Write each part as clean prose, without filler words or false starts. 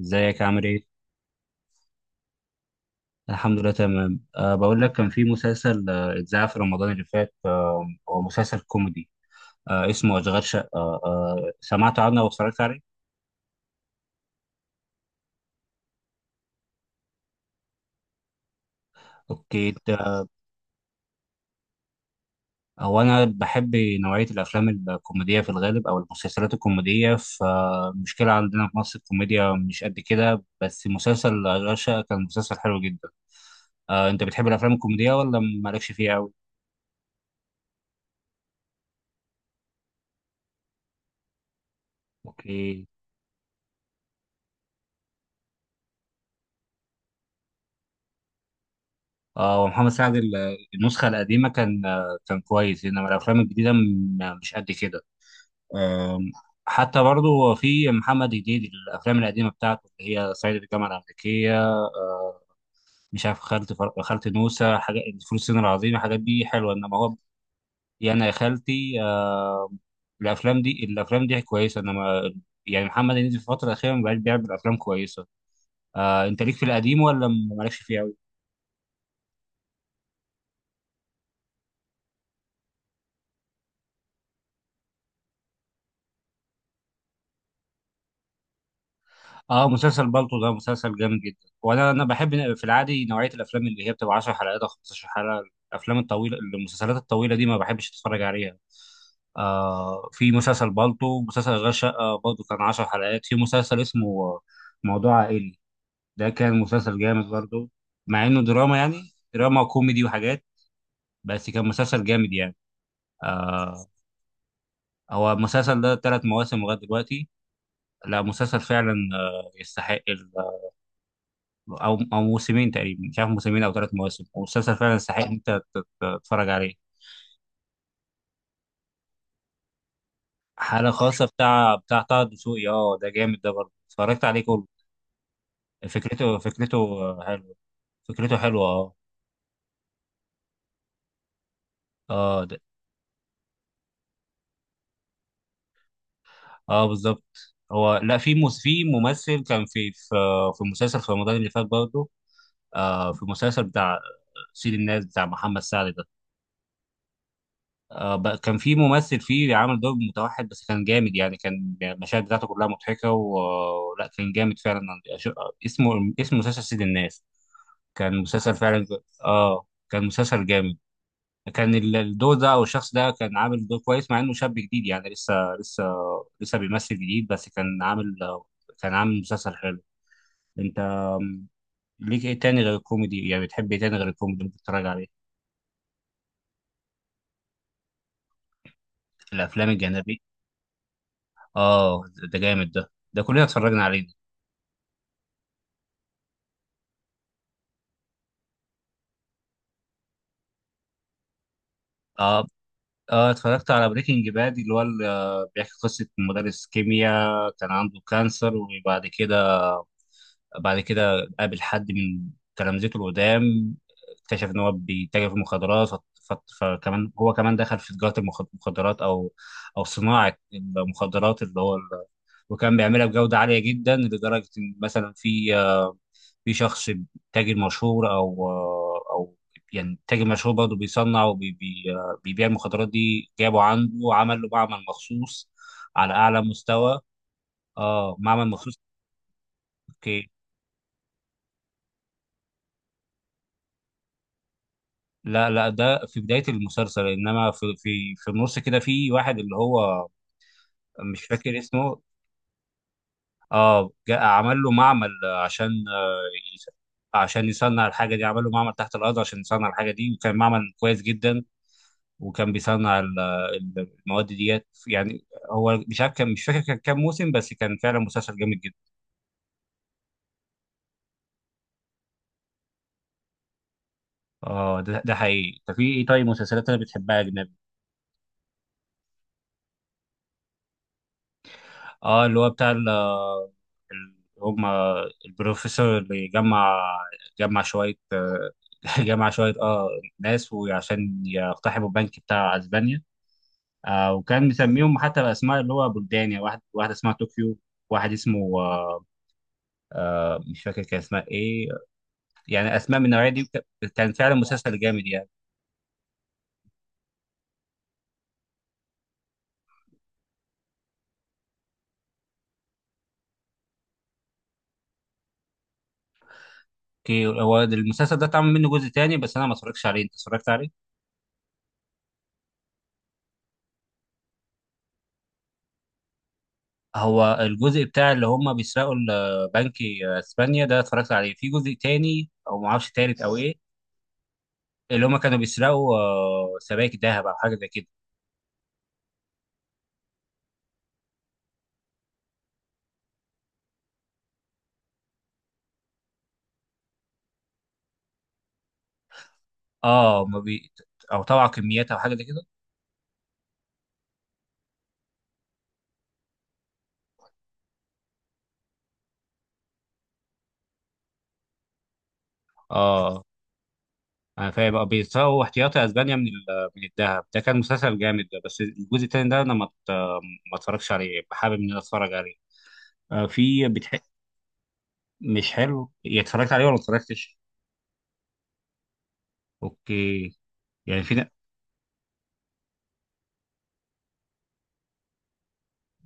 ازيك عامل ايه؟ الحمد لله تمام. بقول لك كان في مسلسل اتذاع في رمضان اللي فات، هو مسلسل كوميدي، اسمه أشغال شقة. أه آه، سمعت عنه أو اتفرجت عليه؟ اوكي. هو أنا بحب نوعية الأفلام الكوميدية في الغالب أو المسلسلات الكوميدية، فالمشكلة عندنا في مصر الكوميديا مش قد كده، بس مسلسل أشغال شقة كان مسلسل حلو جدا. أنت بتحب الأفلام الكوميدية ولا مالكش فيها أوي؟ اوكي. اه، ومحمد سعد النسخة القديمة كان كان كويس، انما الافلام الجديدة مش قد كده. آم، حتى برضو في محمد هنيدي الافلام القديمة بتاعته اللي هي صعيدي في الجامعة الأمريكية، مش عارف خالتي خالتي نوسة، حاجات فول الصين العظيم، الحاجات دي حلوة، انما هو يا انا يا خالتي. الافلام دي كويسة انما، يعني محمد هنيدي في الفترة الأخيرة ما بقاش بيعمل أفلام كويسة. أنت ليك في القديم ولا مالكش فيه أوي؟ اه، مسلسل بالطو ده مسلسل جامد جدا، وانا بحب في العادي نوعيه الافلام اللي هي بتبقى 10 حلقات او 15 حلقه. الافلام الطويله المسلسلات الطويله دي ما بحبش اتفرج عليها. في مسلسل بالطو، مسلسل غير شقه برضه كان 10 حلقات، في مسلسل اسمه موضوع عائلي، ده كان مسلسل جامد برضه، مع انه دراما، يعني دراما وكوميدي وحاجات، بس كان مسلسل جامد يعني. آه هو المسلسل ده ثلاث مواسم لغايه دلوقتي. لا، مسلسل فعلا يستحق. او موسمين تقريبا، مش عارف موسمين او ثلاث مواسم، والمسلسل فعلا يستحق ان انت تتفرج عليه. حالة خاصة بتاع طه دسوقي، اه ده جامد، ده برضه اتفرجت عليه كله. فكرته حلوه. فكرته حلوه، اه. اه، اه بالظبط. هو لا، في في ممثل كان في مسلسل في رمضان اللي فات برضه، في مسلسل بتاع سيد الناس بتاع محمد سعد ده. كان في ممثل فيه عامل دور متوحد، بس كان جامد يعني، كان المشاهد بتاعته كلها مضحكة، ولا كان جامد فعلا. أش- اسمه اسم مسلسل سيد الناس، كان مسلسل فعلا. اه كان مسلسل جامد. كان الدور ده او الشخص ده كان عامل دور كويس، مع انه شاب جديد، يعني لسه لسه لسه بيمثل جديد، بس كان عامل كان عامل مسلسل حلو. انت ليك ايه تاني غير الكوميدي؟ يعني بتحب ايه تاني غير الكوميدي ممكن تتفرج عليه؟ الافلام الجانبية؟ اه ده جامد، ده كلنا اتفرجنا عليه. اه، اه، اتفرجت على بريكنج باد، اللي هو بيحكي قصة مدرس كيمياء كان عنده كانسر، وبعد كده بعد كده قابل حد من تلامذته القدام، اكتشف ان هو بيتاجر في المخدرات، فكمان هو كمان دخل في تجارة المخدرات، او صناعة المخدرات اللي هو وكان بيعملها بجودة عالية جدا، لدرجة ان مثلا في شخص، تاجر مشهور او او يعني تاجر مشهور برضه بيصنع وبيبيع المخدرات دي، جابه عنده عمل له معمل مخصوص على اعلى مستوى. اه معمل مخصوص. اوكي. لا لا، ده في بداية المسلسل، انما في النص كده في واحد اللي هو، مش فاكر اسمه، اه، جاء عمل له معمل عشان يس- عشان يصنع الحاجة دي، عمل له معمل تحت الأرض عشان يصنع الحاجة دي، وكان معمل كويس جدا، وكان بيصنع المواد ديت يعني. هو مش عارف، كان مش فاكر كان كام موسم، بس كان فعلا مسلسل جامد جدا. اه ده، حقيقي. طب في ايه طيب مسلسلات انا بتحبها يا اجنبي؟ اه، اللي هو بتاع هم البروفيسور اللي جمع شوية جمع شوية ناس وعشان يقتحموا البنك بتاع اسبانيا. وكان مسميهم حتى بأسماء اللي هو بلدان، يعني واحد واحد اسمها طوكيو، واحد اسمه مش فاكر كان اسمها ايه، يعني اسماء من النوعيه دي كان فعلا مسلسل جامد يعني. اوكي. هو المسلسل ده اتعمل منه جزء تاني، بس انا ما اتفرجتش عليه، انت اتفرجت عليه؟ هو الجزء بتاع اللي هم بيسرقوا بنك اسبانيا ده، اتفرجت عليه في جزء تاني او ما اعرفش تالت او ايه؟ اللي هم كانوا بيسرقوا سبائك ذهب او حاجه زي كده. اه ما بي... او طبعا كميات او حاجه زي كده. اه انا فاهم بقى، بيسرقوا احتياطي اسبانيا من من الذهب. ده كان مسلسل جامد ده، بس الجزء التاني ده انا ما اتفرجش عليه، حابب ان انا اتفرج عليه. آه، في بتح... مش حلو، يعني اتفرجت عليه ولا ما اتفرجتش؟ اوكي. يعني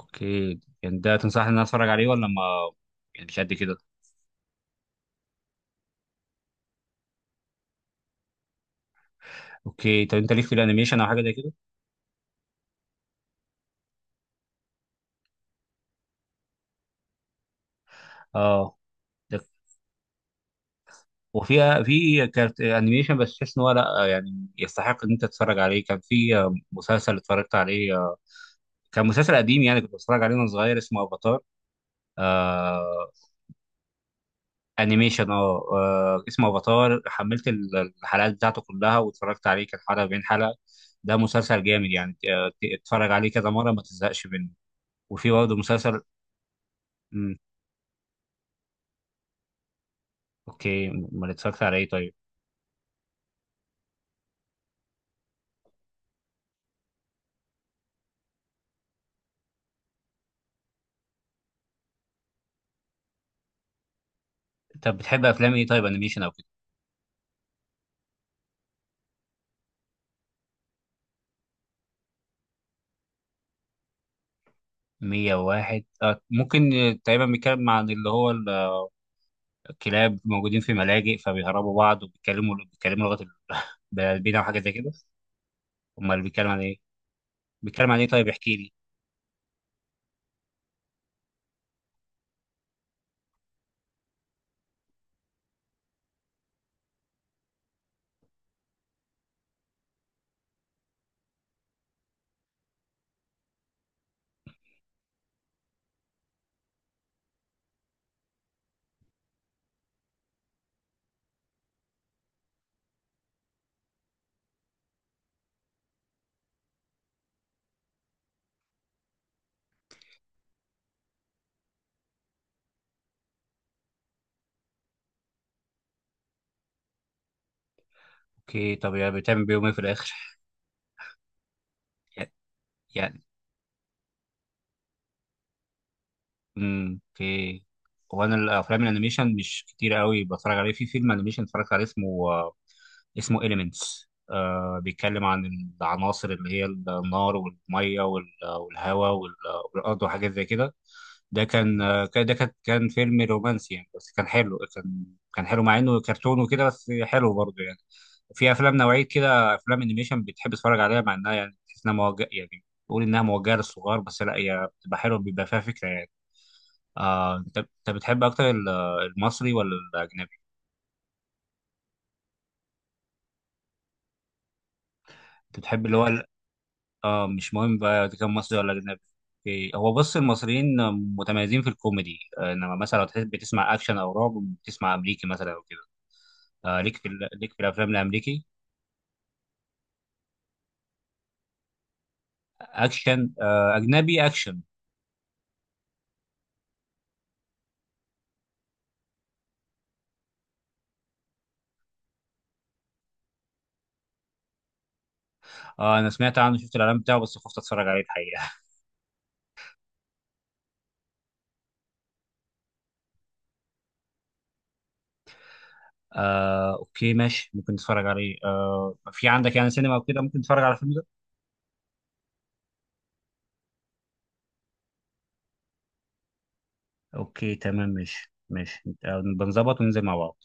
اوكي، يعني ده تنصحني ان انا اتفرج عليه ولا ما، يعني مش قد كده؟ اوكي. طب انت ليك في الانيميشن او حاجه زي كده؟ اه ده، وفي كارت انيميشن بس تحس ان هو لا، يعني يستحق ان انت تتفرج عليه. كان في مسلسل اتفرجت عليه كان مسلسل قديم، يعني كنت بتفرج عليه وانا صغير، اسمه افاتار آه، انيميشن، اه، اسمه افاتار، حملت الحلقات بتاعته كلها واتفرجت عليه، كان حلقه بين حلقه، ده مسلسل جامد يعني. اتفرج عليه كذا مره ما تزهقش منه. وفي برضه مسلسل. مم. اوكي ما اتفرجت على ايه طيب؟ طب بتحب افلام ايه طيب، انيميشن او كده؟ 101؟ ممكن. تقريبا بيتكلم عن اللي هو الكلاب موجودين في ملاجئ، فبيهربوا بعض وبيتكلموا لغه البلدين او حاجه زي كده. امال بيتكلم عن ايه؟ بيتكلم عن ايه طيب، احكي لي. اوكي. طب يعني بتعمل بيهم ايه في الاخر؟ يعني اوكي. هو انا الافلام الانيميشن مش كتير قوي بتفرج عليه، في فيلم انيميشن اتفرجت عليه اسمه إليمنتس، بيتكلم عن العناصر، اللي هي النار والميه والهواء والارض وحاجات زي كده. ده كان ده كان فيلم رومانسي، يعني بس كان حلو، كان حلو، مع انه كرتون وكده، بس حلو برضه يعني. في افلام نوعيه كده، افلام انيميشن بتحب تتفرج عليها، مع انها يعني تحس انها موجهه، يعني تقول انها موجهه للصغار، بس لا، هي بتبقى حلوه، بيبقى فيها فكره يعني. انت بتحب اكتر المصري ولا الاجنبي؟ انت بتحب اللي هو اه، مش مهم بقى اذا كان مصري ولا اجنبي. اوكي. هو بص المصريين متميزين في الكوميدي، انما مثلا لو تحب تسمع اكشن او رعب بتسمع امريكي مثلا او كده. ليك في ليك في الافلام الامريكي؟ اكشن، اجنبي اكشن. انا سمعت عنه، شفت الاعلان بتاعه، بس خفت اتفرج عليه الحقيقه اوكي ماشي، ممكن نتفرج عليه. في عندك يعني سينما وكده ممكن نتفرج على الفيلم ده؟ اوكي تمام، ماشي ماشي، بنظبط وننزل مع بعض.